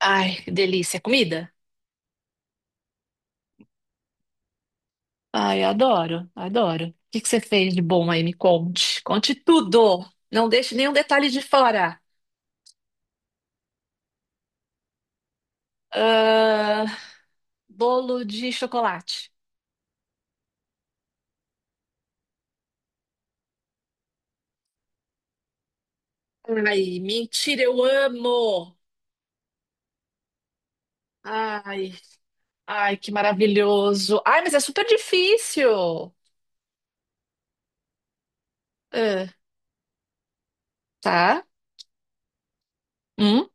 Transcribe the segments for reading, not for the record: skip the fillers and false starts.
Ai, que delícia. É comida? Ai, adoro, adoro. O que que você fez de bom aí? Me conte. Conte tudo. Não deixe nenhum detalhe de fora. Ah, bolo de chocolate. Ai, mentira, eu amo. Ai, ai, que maravilhoso. Ai, mas é super difícil. Ah, tá? Hum?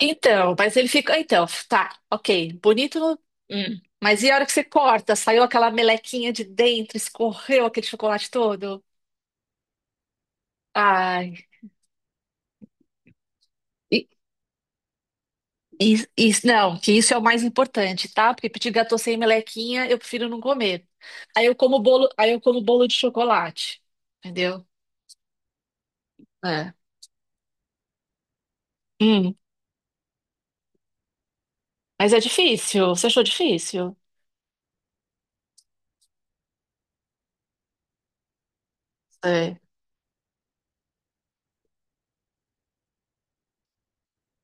Então, mas ele fica. Então, tá, ok. Bonito. Hum. Mas e a hora que você corta? Saiu aquela melequinha de dentro, escorreu aquele chocolate todo? Ai. E, e não, que isso é o mais importante, tá? Porque pedir gâteau sem melequinha, eu prefiro não comer. Aí eu como bolo, aí eu como bolo de chocolate. Entendeu? É. Hum. Mas é difícil. Você achou difícil? É.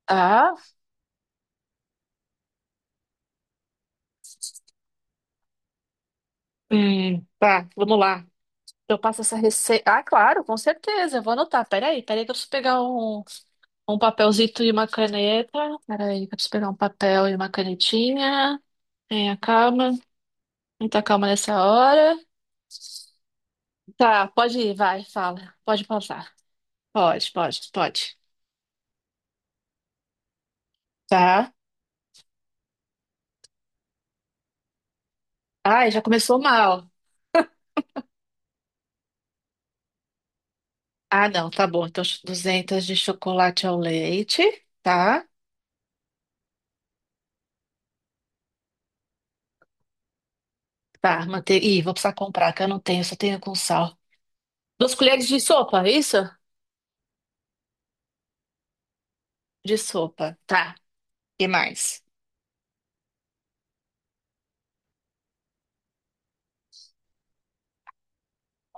Ah? Tá, vamos lá. Eu passo essa receita. Ah, claro, com certeza. Eu vou anotar. Peraí, peraí, que eu preciso pegar um papelzito e uma caneta. Peraí, que eu preciso pegar um papel e uma canetinha. Tenha calma. Muita calma nessa hora. Tá, pode ir, vai, fala. Pode pausar. Pode, pode, pode. Tá. Ai, já começou mal. Ah, não, tá bom. Então, 200 de chocolate ao leite. Tá, tá. Ih, vou precisar comprar, que eu não tenho, só tenho com sal. 2 colheres de sopa, é isso? De sopa. Tá. E mais?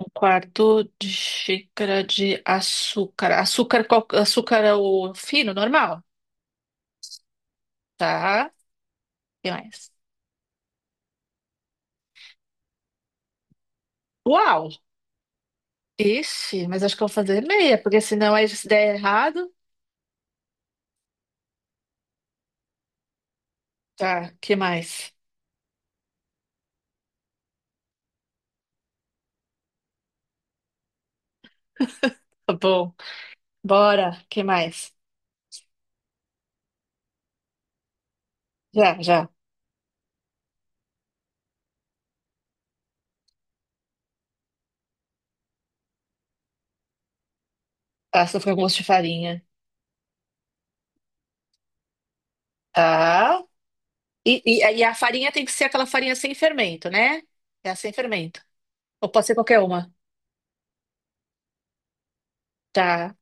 1/4 de xícara de açúcar. Açúcar é o fino, normal, tá? E mais? Uau! Ixi, mas acho que eu vou fazer meia, porque senão aí se der errado. Tá, que mais? Tá bom. Bora, que mais? Já, já. Tá, só fica com gosto de farinha. Tá. E, e, e a farinha tem que ser aquela farinha sem fermento, né? É a sem fermento. Ou pode ser qualquer uma. Tá.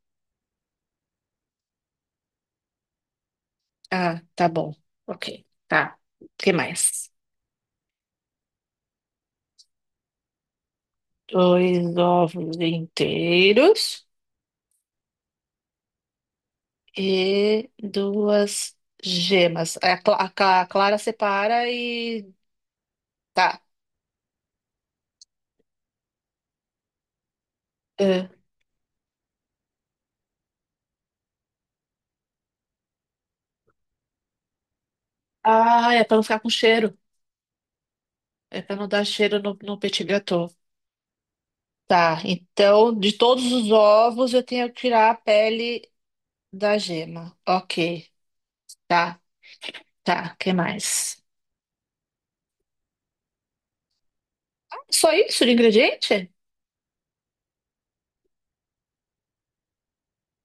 Ah, tá bom. Ok. Tá. O que mais? Dois ovos inteiros e duas gemas. Aí a clara separa e tá. É. Ah, é para não ficar com cheiro. É para não dar cheiro no petit gâteau. Tá, então de todos os ovos eu tenho que tirar a pele da gema. Ok, tá, tá. Que mais? Só isso de ingrediente?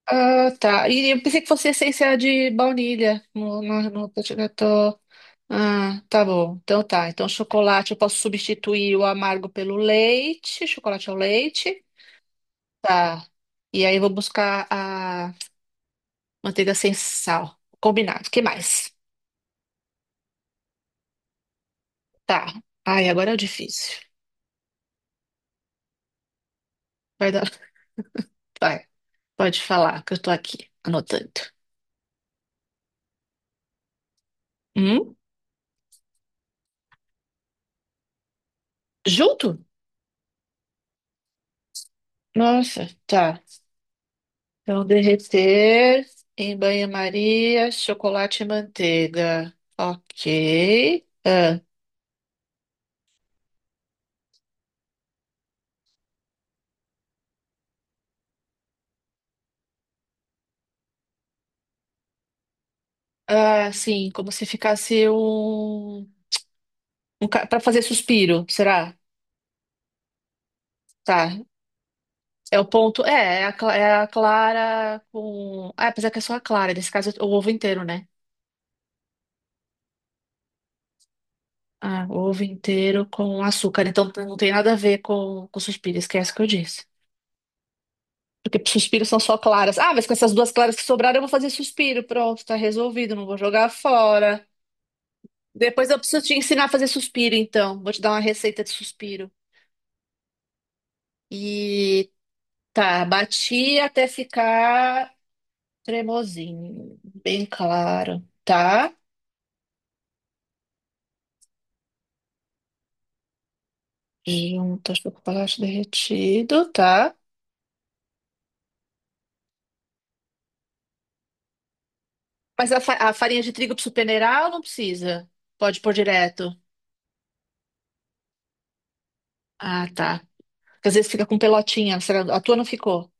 Ah, tá. E eu pensei que fosse essência de baunilha no petit gâteau. Ah, tá bom. Então tá. Então chocolate, eu posso substituir o amargo pelo leite, chocolate ao leite. Tá. E aí eu vou buscar a manteiga sem sal. Combinado. O que mais? Tá. Ai, agora é o difícil. Vai dar. Vai. Pode falar que eu tô aqui anotando. Hum? Junto? Nossa, tá. Então derreter em banho-maria, chocolate e manteiga. Ok. Ah, sim, como se ficasse um para fazer suspiro, será? Tá. É o ponto. É a clara com. Ah, apesar que é só a clara, nesse caso é o ovo inteiro, né? Ah, o ovo inteiro com açúcar. Então não tem nada a ver com suspiro, esquece o que eu disse. Porque suspiros são só claras. Ah, mas com essas duas claras que sobraram, eu vou fazer suspiro. Pronto, tá resolvido, não vou jogar fora. Depois eu preciso te ensinar a fazer suspiro, então. Vou te dar uma receita de suspiro. E tá, bati até ficar cremosinho, bem claro, tá? Junto, acho que o chocolate derretido, tá? Mas a farinha de trigo precisa peneirar ou não precisa? Pode pôr direto. Ah, tá. Porque às vezes fica com pelotinha, a tua não ficou?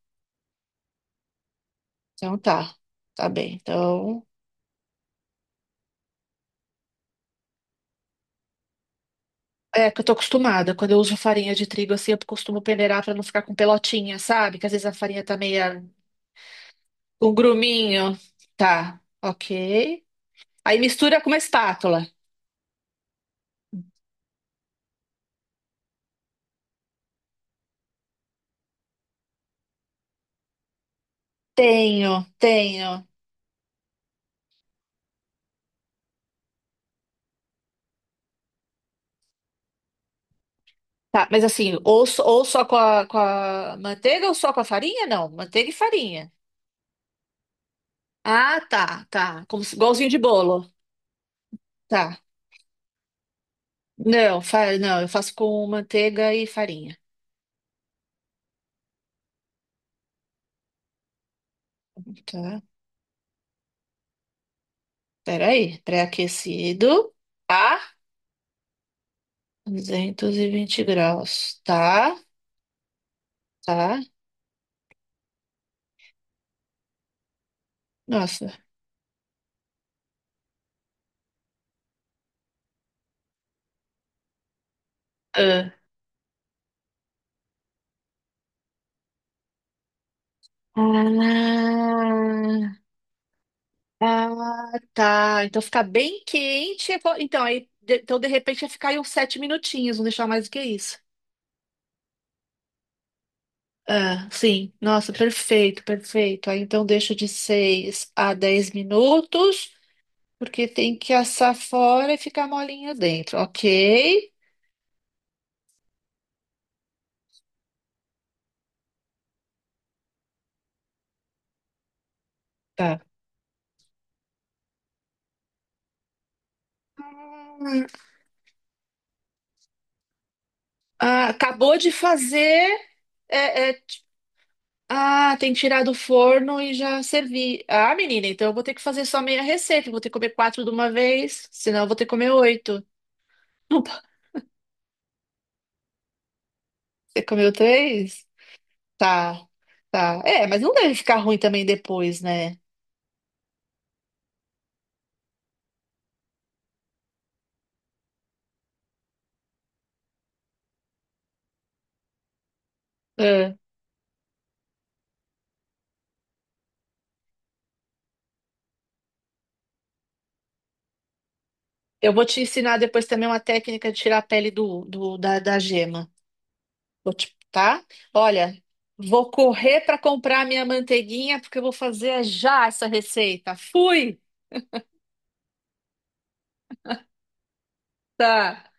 Então tá, tá bem. Então, é que eu tô acostumada, quando eu uso farinha de trigo assim, eu costumo peneirar pra não ficar com pelotinha, sabe? Que às vezes a farinha tá meia um gruminho. Tá, ok. Aí mistura com uma espátula. Tenho, tenho. Tá, mas assim, ou só com a manteiga ou só com a farinha? Não, manteiga e farinha. Ah, tá, tá. Como igualzinho de bolo. Tá. Não, eu faço com manteiga e farinha. Tá. Peraí, pré-aquecido. Tá. 220 graus. Tá, tá. Nossa. Ah. Ah. Ah, tá. Então ficar bem quente. Então, aí, então de repente ia ficar aí uns 7 minutinhos, não deixar mais do que isso. Ah, sim. Nossa, perfeito, perfeito. Aí então deixa de 6 a 10 minutos, porque tem que assar fora e ficar molinha dentro, ok? Tá. Ah, acabou de fazer. é, é, tem que tirar do forno e já servir. Ah, menina, então eu vou ter que fazer só meia receita. Eu vou ter que comer quatro de uma vez, senão eu vou ter que comer oito. Não tá. Você comeu três? Tá, tá. É, mas não deve ficar ruim também depois, né? É. Eu vou te ensinar depois também uma técnica de tirar a pele da gema. Tá? Olha, vou correr para comprar minha manteiguinha porque eu vou fazer já essa receita. Fui! Tá.